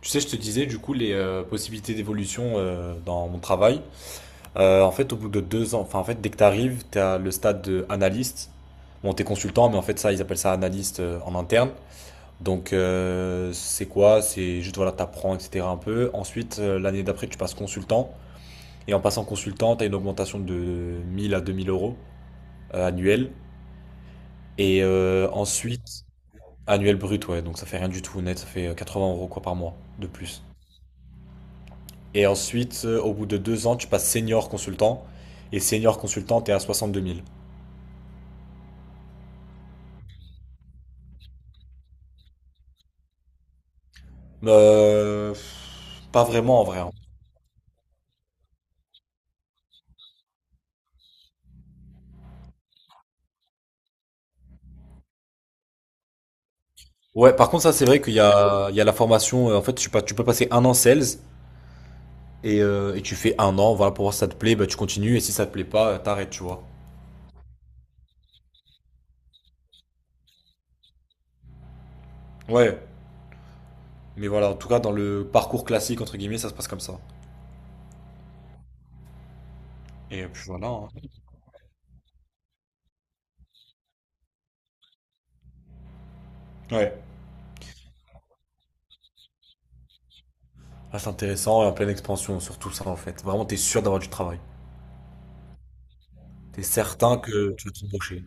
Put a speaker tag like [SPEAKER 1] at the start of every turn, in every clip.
[SPEAKER 1] Tu sais, je te disais du coup les possibilités d'évolution dans mon travail. En fait, au bout de 2 ans, enfin en fait, dès que tu arrives, tu as le stade de analyste. Bon, t'es consultant, mais en fait ça, ils appellent ça analyste en interne. Donc c'est quoi? C'est juste voilà, t'apprends, etc. un peu. Ensuite, l'année d'après, tu passes consultant. Et en passant consultant, t'as une augmentation de 1 000 à 2 000 euros annuel. Et ensuite, annuel brut, ouais. Donc ça fait rien du tout net, ça fait 80 euros quoi par mois de plus. Et ensuite, au bout de deux ans, tu passes senior consultant. Et senior consultant, t'es à 62 000. Euh, Pas vraiment en vrai, hein. Ouais, par contre, ça, c'est vrai qu'il y a la formation. En fait, tu, pas, tu peux passer un an sales et tu fais un an. Voilà, pour voir si ça te plaît, bah, tu continues. Et si ça te plaît pas, t'arrêtes, tu vois. Ouais, mais voilà, en tout cas, dans le parcours classique, entre guillemets, ça se passe comme ça. Et puis voilà, hein. Ouais. Ah, c'est intéressant et en pleine expansion, surtout ça, en fait. Vraiment, t'es sûr d'avoir du travail. T'es certain que tu vas te embaucher.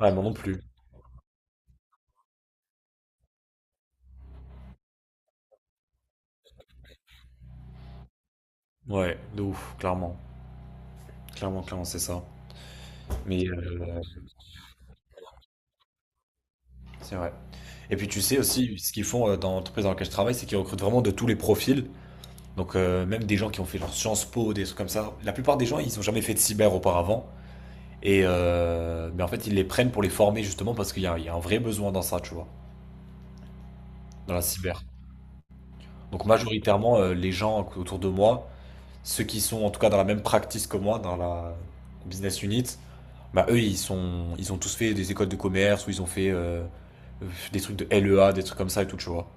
[SPEAKER 1] Ouais, moi non plus. Ouais, de ouf, clairement. Clairement, clairement, c'est ça. Mais c'est vrai. Et puis tu sais aussi, ce qu'ils font dans l'entreprise dans laquelle je travaille, c'est qu'ils recrutent vraiment de tous les profils. Donc même des gens qui ont fait genre Sciences Po, des trucs comme ça. La plupart des gens, ils n'ont jamais fait de cyber auparavant. Mais en fait, ils les prennent pour les former justement parce qu'il y a un vrai besoin dans ça, tu vois, dans la cyber. Donc majoritairement, les gens autour de moi, ceux qui sont en tout cas dans la même practice que moi, dans la business unit, bah eux, ils ont tous fait des écoles de commerce ou ils ont fait des trucs de LEA, des trucs comme ça et tout, tu vois.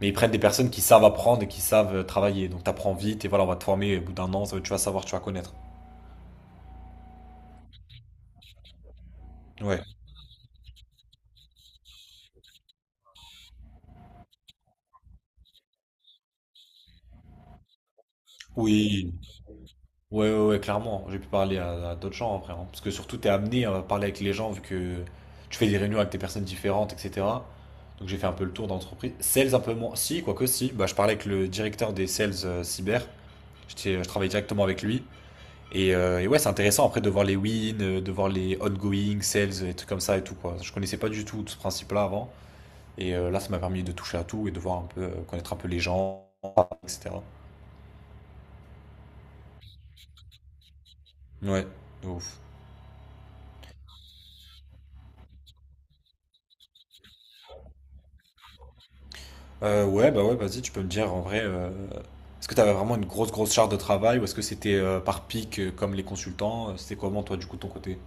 [SPEAKER 1] Mais ils prennent des personnes qui savent apprendre et qui savent travailler. Donc t'apprends vite et voilà, on va te former au bout d'un an, tu vas savoir, tu vas connaître. Ouais. Oui. Ouais, ouais, ouais, clairement. J'ai pu parler à d'autres gens après, hein. Parce que surtout, t'es amené à parler avec les gens vu que tu fais des réunions avec des personnes différentes, etc. Donc j'ai fait un peu le tour d'entreprise. Sales un peu moins. Si, quoique si. Bah, je parlais avec le directeur des sales cyber. Je travaillais directement avec lui. Et ouais, c'est intéressant après de voir les wins, de voir les ongoing sales, et trucs comme ça et tout quoi. Je connaissais pas du tout ce principe-là avant. Et là, ça m'a permis de toucher à tout et de connaître un peu les gens, etc. Ouais, de ouf. Ouais, bah ouais, vas-y, tu peux me dire en vrai, est-ce que tu avais vraiment une grosse, grosse charge de travail ou est-ce que c'était par pic comme les consultants? C'était comment toi, du coup, de ton côté?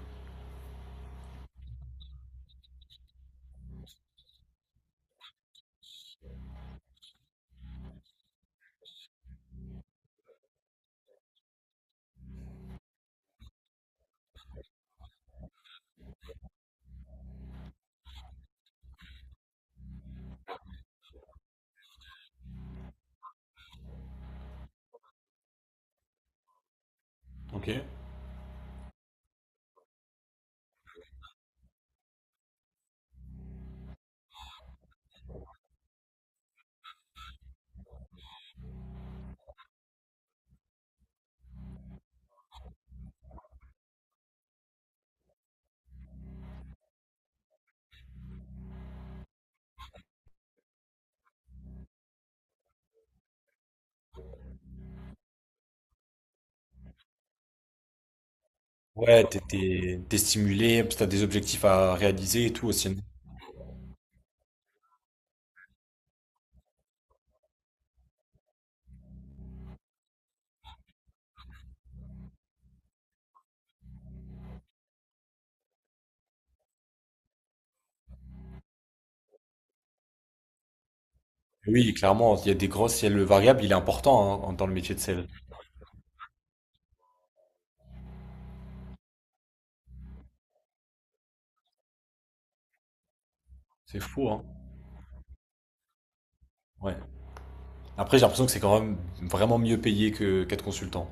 [SPEAKER 1] Ok. Ouais, t'es stimulé, puis t'as des objectifs à réaliser et tout aussi. Oui, clairement, il y a des grosses, il y a le variable, il est important hein, dans le métier de sales. C'est fou, hein? Ouais. Après, j'ai l'impression que c'est quand même vraiment mieux payé que qu'être consultant.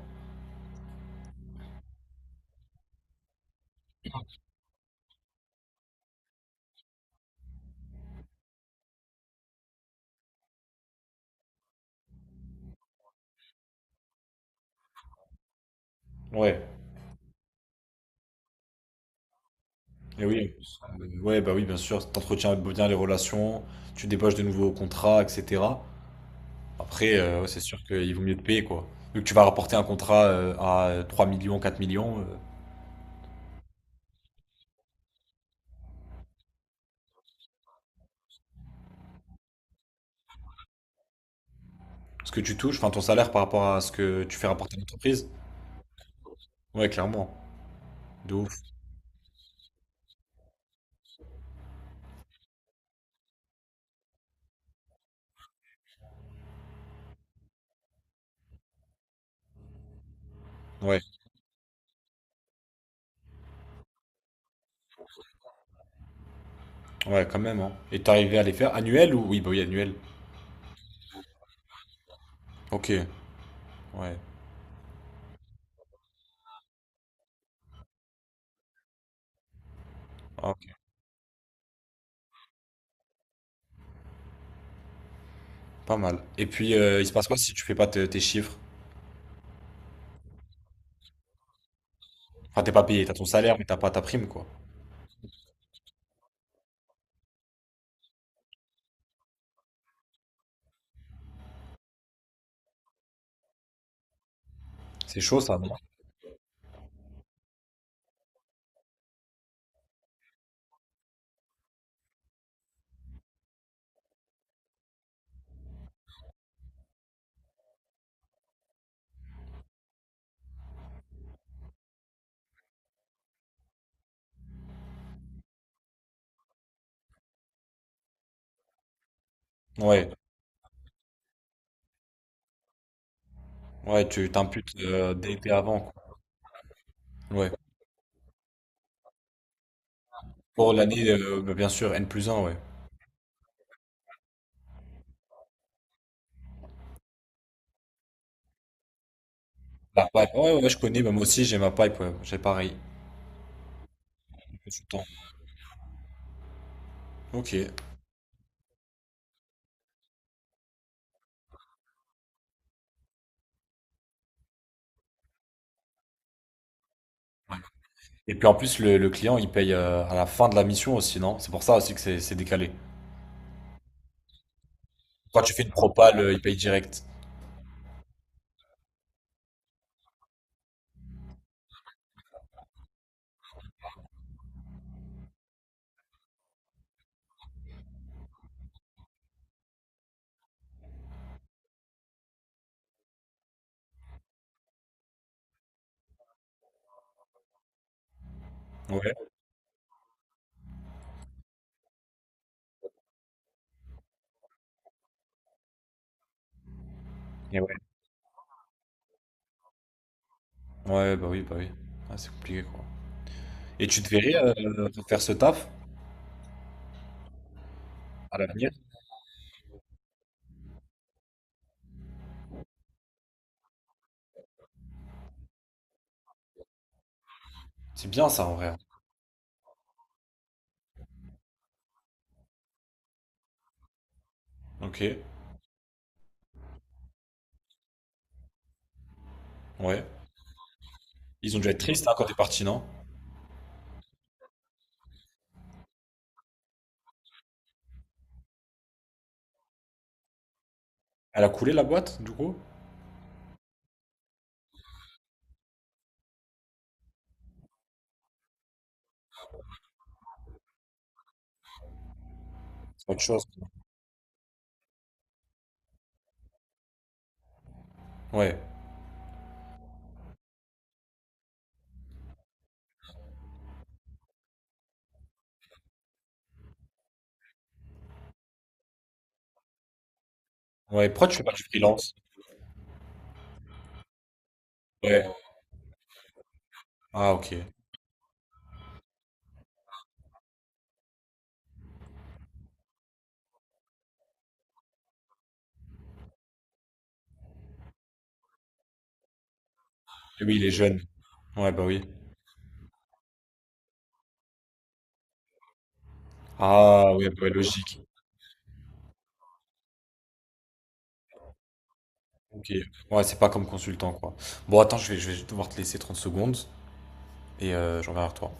[SPEAKER 1] Ouais, et oui. Ouais, bah oui, bien sûr, t'entretiens bien les relations, tu débauches de nouveaux contrats, etc. Après, ouais, c'est sûr qu'il vaut mieux te payer, quoi. Vu que tu vas rapporter un contrat, à, 3 000 000, 4 000 ce que tu touches, enfin ton salaire par rapport à ce que tu fais rapporter à l'entreprise. Ouais, clairement. De ouf. Ouais, ouais, quand même, hein. Et tu es arrivé à les faire annuels ou oui, bah, oui, annuels. OK, ouais. Ah OK, pas mal. Et puis, il se passe quoi si tu fais pas te tes chiffres? Enfin, t'es pas payé, t'as ton salaire, mais t'as pas ta prime, quoi. C'est chaud ça, non? Ouais, ouais, tu t'imputes, dès avant, quoi. Ouais. Pour l'année, bah, bien sûr, N plus un. Ouais. La pipe, ouais, ouais, je connais, bah, moi aussi j'ai ma pipe, ouais, j'ai pareil, j'ai tout le temps. Ok. Et puis en plus, le client il paye à la fin de la mission aussi, non? C'est pour ça aussi que c'est décalé. Quand tu fais une propale, il paye direct. Ouais. Et ouais. Ouais, bah oui, bah oui. Ah, c'est compliqué quoi. Et tu te verrais faire ce taf à l'avenir? C'est bien ça en vrai, hein. Ok, ouais. Ils ont dû être tristes hein, quand t'es parti, non? Elle a coulé la boîte du coup? C'est autre chose. Ouais. Ouais, pourquoi tu fais pas du freelance? Ouais. Ah, ok. Et oui, il est jeune. Ouais, bah oui. Ah ouais, bah, ouais, logique. Ok. Ouais, c'est pas comme consultant, quoi. Bon, attends, je vais devoir te laisser 30 secondes et je reviens vers toi.